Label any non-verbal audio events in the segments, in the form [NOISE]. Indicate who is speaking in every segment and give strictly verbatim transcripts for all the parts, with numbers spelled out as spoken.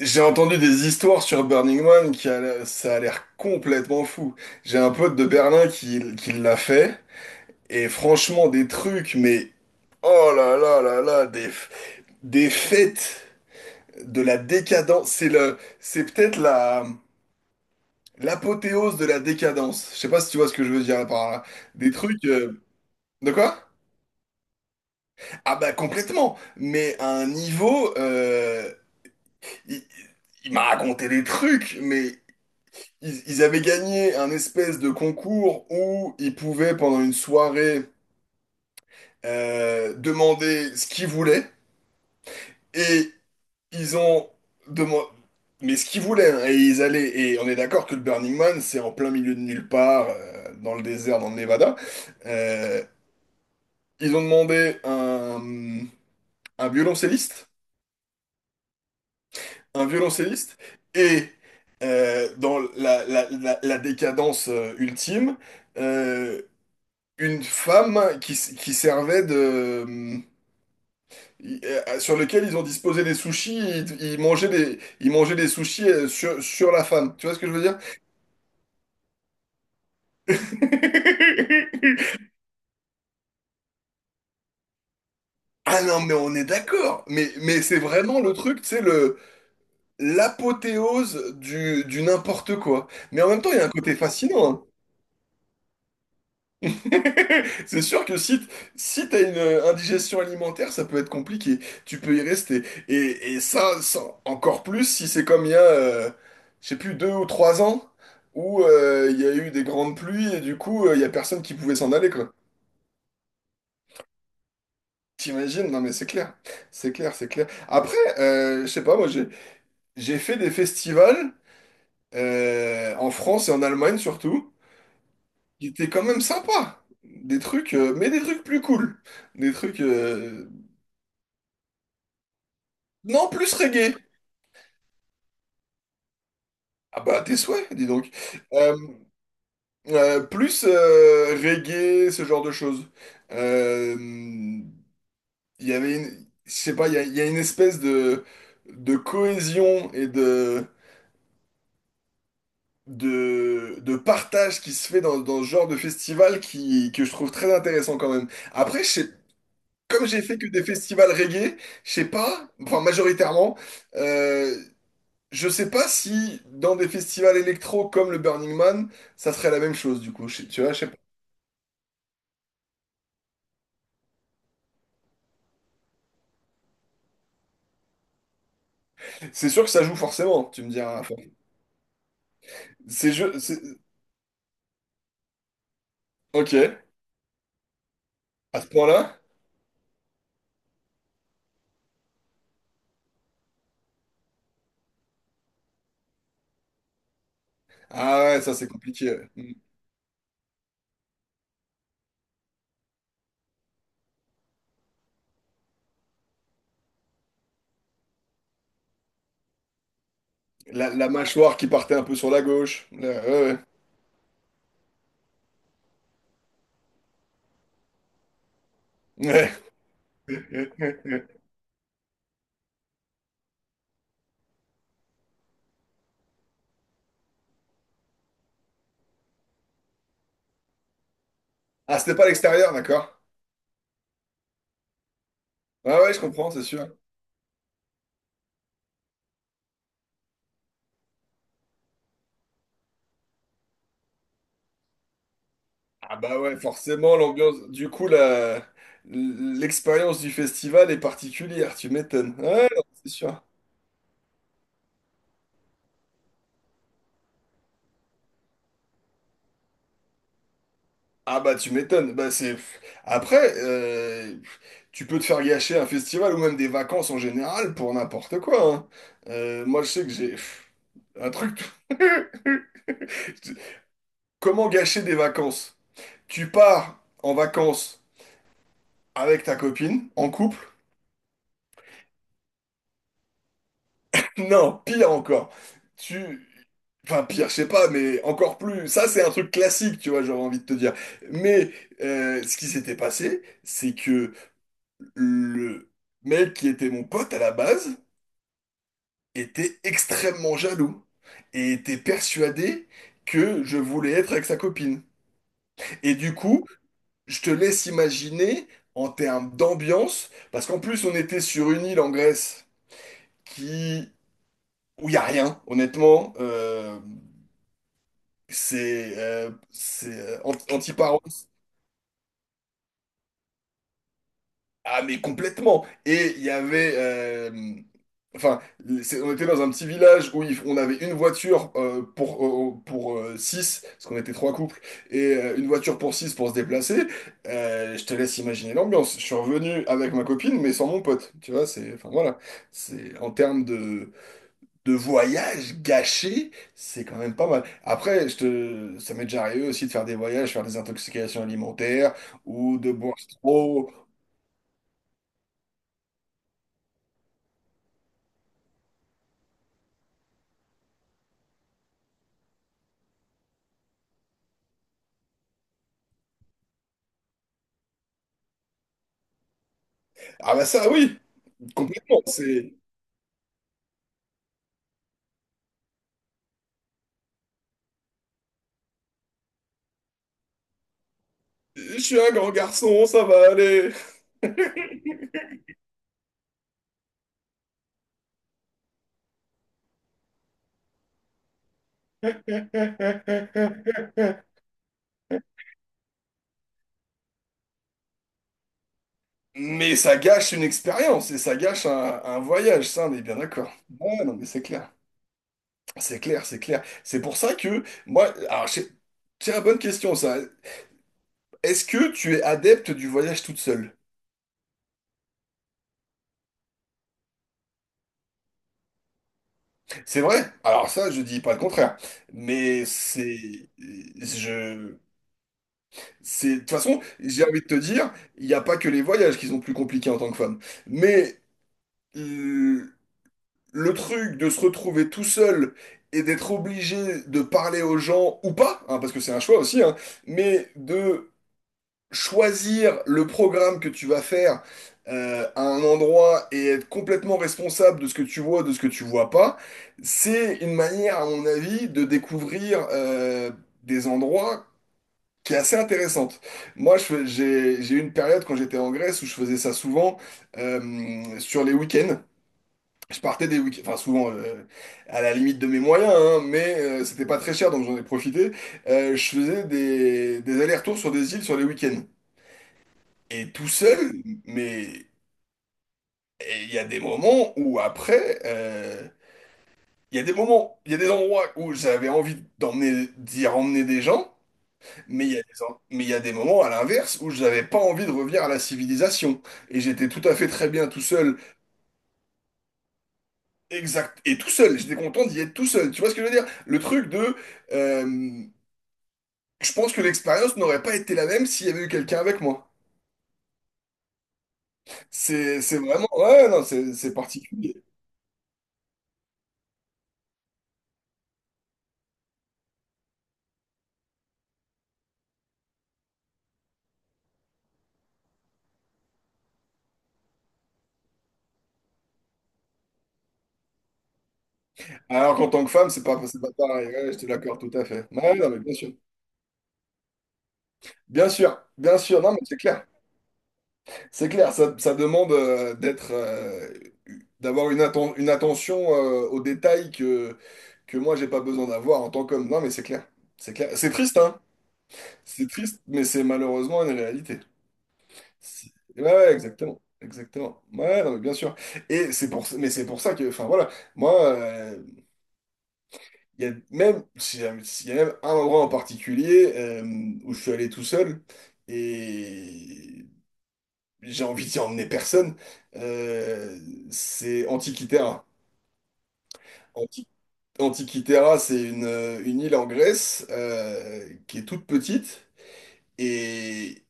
Speaker 1: J'ai entendu des histoires sur Burning Man qui a, l'air- ça a l'air complètement fou. J'ai un pote de Berlin qui, qui l'a fait et franchement des trucs mais oh là là là là des f- des fêtes de la décadence. C'est le c'est peut-être la l'apothéose de la décadence. Je sais pas si tu vois ce que je veux dire par là. Des trucs euh, de quoi? Ah bah complètement. Mais à un niveau euh, il, il m'a raconté des trucs mais Ils, ils avaient gagné un espèce de concours où ils pouvaient, pendant une soirée, euh, demander ce qu'ils voulaient. Et ils ont demandé… Mais ce qu'ils voulaient, hein, et ils allaient… Et on est d'accord que le Burning Man, c'est en plein milieu de nulle part, euh, dans le désert, dans le Nevada. Euh, ils ont demandé un, un violoncelliste, un violoncelliste, et euh, dans la, la- la- la décadence euh, ultime, euh, une femme qui, s- qui servait de… euh, Sur lequel ils ont disposé des sushis, ils, ils mangeaient des, ils mangeaient des sushis euh, sur, sur la femme. Tu vois ce que je veux dire? [LAUGHS] Ah non, mais on est d'accord. Mais, mais c'est vraiment le truc, tu sais, le, l'apothéose du, du n'importe quoi. Mais en même temps, il y a un côté fascinant, hein. [LAUGHS] C'est sûr que si, t- si t'as une euh, indigestion alimentaire, ça peut être compliqué. Tu peux y rester. Et, et ça, ça- encore plus si c'est comme il y a, euh, je sais plus, deux ou trois ans, où euh, il y a eu des grandes pluies et du coup, euh, il y a personne qui pouvait s'en aller, quoi. T'imagines? Non, mais c'est clair. C'est clair, c'est clair. Après, euh, je sais pas, moi, j'ai, j'ai fait des festivals euh, en France et en Allemagne surtout, qui étaient quand même sympas. Des trucs, euh, mais des trucs plus cool. Des trucs, euh, non, plus reggae. Ah bah, tes souhaits, dis donc. Euh, euh, plus euh, reggae, ce genre de choses. Euh, Il y avait une… Je sais pas, il y a, il y a une espèce de, de cohésion et de, de, de partage qui se fait dans, dans ce genre de festival qui, que je trouve très intéressant quand même. Après, je sais- comme j'ai fait que des festivals reggae, je sais pas, enfin majoritairement, euh, je sais pas si dans des festivals électro comme le Burning Man, ça serait la même chose du coup. Je- tu vois, je sais pas. C'est sûr que ça joue forcément, tu me diras. Enfin, c'est je, c'est… Ok, à ce point-là? Ah ouais, ça c'est compliqué, ouais. Mm. La, la mâchoire qui partait un peu sur la gauche. Là, ouais, ouais. Ouais. [LAUGHS] Ah, c'était pas l'extérieur, d'accord? Ah ouais, je comprends, c'est sûr. Ah bah ouais, forcément, l'ambiance. Du coup, la… l'expérience du festival est particulière, tu m'étonnes. Ouais, non, c'est sûr. Ah bah tu m'étonnes. Bah c'est… Après, euh, tu peux te faire gâcher un festival ou même des vacances en général pour n'importe quoi, hein. Euh, moi je sais que j'ai un truc. [LAUGHS] Comment gâcher des vacances? Tu pars en vacances avec ta copine, en couple. [LAUGHS] Non, pire encore. Tu… Enfin, pire, je sais pas, mais encore plus. Ça, c'est un truc classique, tu vois, j'aurais envie de te dire. Mais euh, ce qui s'était passé, c'est que le mec qui était mon pote à la base était extrêmement jaloux et était persuadé que je voulais être avec sa copine. Et du coup, je te laisse imaginer en termes d'ambiance, parce qu'en plus on était sur une île en Grèce qui où il y a rien, honnêtement. euh, C'est euh, c'est euh, anti- anti-Paros. Ah mais complètement. Et il y avait euh, enfin, c'est- on était dans un petit village où il- on avait une voiture euh, pour, euh, pour euh, six, parce qu'on était trois couples, et euh, une voiture pour six pour se déplacer. Euh, je te laisse imaginer l'ambiance. Je suis revenu avec ma copine, mais sans mon pote. Tu vois, c'est, enfin voilà, c'est en termes de, de voyage gâché, c'est quand même pas mal. Après, je te, ça m'est déjà arrivé aussi de faire des voyages, faire des intoxications alimentaires ou de boire trop. Ah bah ça, oui, complètement. C'est, je suis un grand garçon, ça va aller. Mais ça gâche une expérience et ça gâche un, un voyage, ça on est bien d'accord. Ouais, non mais c'est clair, c'est clair, c'est clair. C'est pour ça que moi, alors j'ai une bonne question ça. Est-ce que tu es adepte du voyage toute seule? C'est vrai? Alors ça, je dis pas le contraire. Mais c'est, je, c'est, de toute façon, j'ai envie de te dire, il n'y a pas que les voyages qui sont plus compliqués en tant que femme. Mais euh, le truc de se retrouver tout seul et d'être obligé de parler aux gens ou pas, hein, parce que c'est un choix aussi, hein, mais de choisir le programme que tu vas faire euh, à un endroit et être complètement responsable de ce que tu vois, de ce que tu vois pas, c'est une manière, à mon avis, de découvrir euh, des endroits qui est assez intéressante. Moi, je fais- j'ai j'ai eu une période quand j'étais en Grèce où je faisais ça souvent euh, sur les week-ends. Je partais des week-ends, enfin souvent euh, à la limite de mes moyens, hein, mais euh, c'était pas très cher, donc j'en ai profité. Euh, je faisais des, des allers-retours sur des îles sur les week-ends. Et tout seul, mais et il y a des moments où après, euh, il y a des moments, il y a des endroits où j'avais envie d'emmener, d'y emmener des gens, mais il y a des, en- mais il y a des moments à l'inverse où j'avais pas envie de revenir à la civilisation. Et j'étais tout à fait très bien tout seul. Exact. Et tout seul, j'étais content d'y être tout seul. Tu vois ce que je veux dire? Le truc de… euh, je pense que l'expérience n'aurait pas été la même s'il y avait eu quelqu'un avec moi. C'est c'est vraiment… Ouais, ouais, non, c'est c'est particulier. Alors qu'en tant que femme, c'est pas, c'est pas pareil. Ouais, je te l'accorde tout à fait. Ouais, non, mais bien sûr. Bien sûr, bien sûr. Non, mais c'est clair. C'est clair, ça, ça demande euh, d'être… euh, d'avoir une, atten- une attention euh, aux détails que, que moi, j'ai pas besoin d'avoir en tant qu'homme. Non, mais c'est clair. C'est clair. C'est triste, hein? C'est triste, mais c'est malheureusement une réalité. C'est- Ouais, ouais, exactement. Exactement. Ouais, non, mais bien sûr. Et c'est pour, mais c'est pour ça que, enfin voilà, moi, euh, il y a même, s'il y a s'il y a même un endroit en particulier euh, où je suis allé tout seul et j'ai envie d'y emmener personne, euh, c'est Antikythera. Anti- Antikythera, c'est une, une île en Grèce euh, qui est toute petite. Et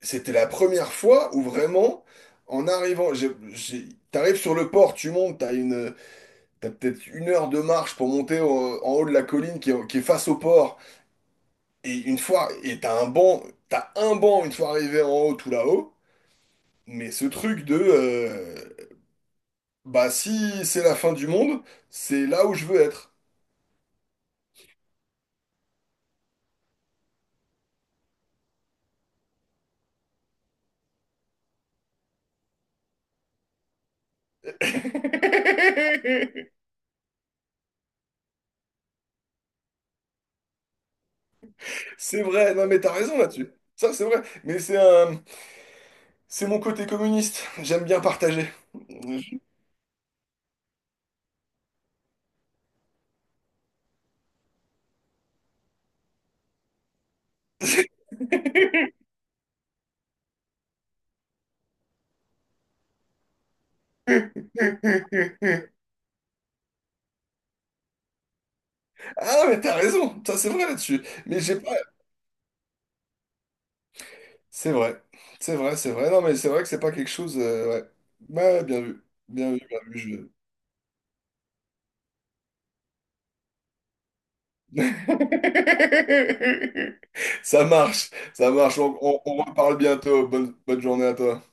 Speaker 1: c'était la première fois où vraiment, en arrivant, j'ai- j'ai- t'arrives sur le port, tu montes, t'as une, t'as peut-être une heure de marche pour monter au- en haut de la colline qui est, qui est face au port. Et une fois, et t'as un banc, t'as un banc une fois arrivé en haut, tout là-haut. Mais ce truc de, euh, bah si c'est la fin du monde, c'est là où je veux être. [LAUGHS] C'est vrai, non mais t'as raison là-dessus. Ça c'est vrai, mais c'est un, c'est mon côté communiste. J'aime bien partager. [LAUGHS] [LAUGHS] Hum, hum, hum, hum, hum. Ah, mais t'as raison, ça c'est vrai là-dessus. Mais j'ai pas… C'est vrai, c'est vrai, c'est vrai. Non, mais c'est vrai que c'est pas quelque chose, euh, ouais. Ouais, bien vu, bien vu, bien vu. je- [LAUGHS] Ça marche, ça marche. On, on- on reparle bientôt. Bonne, bonne journée à toi.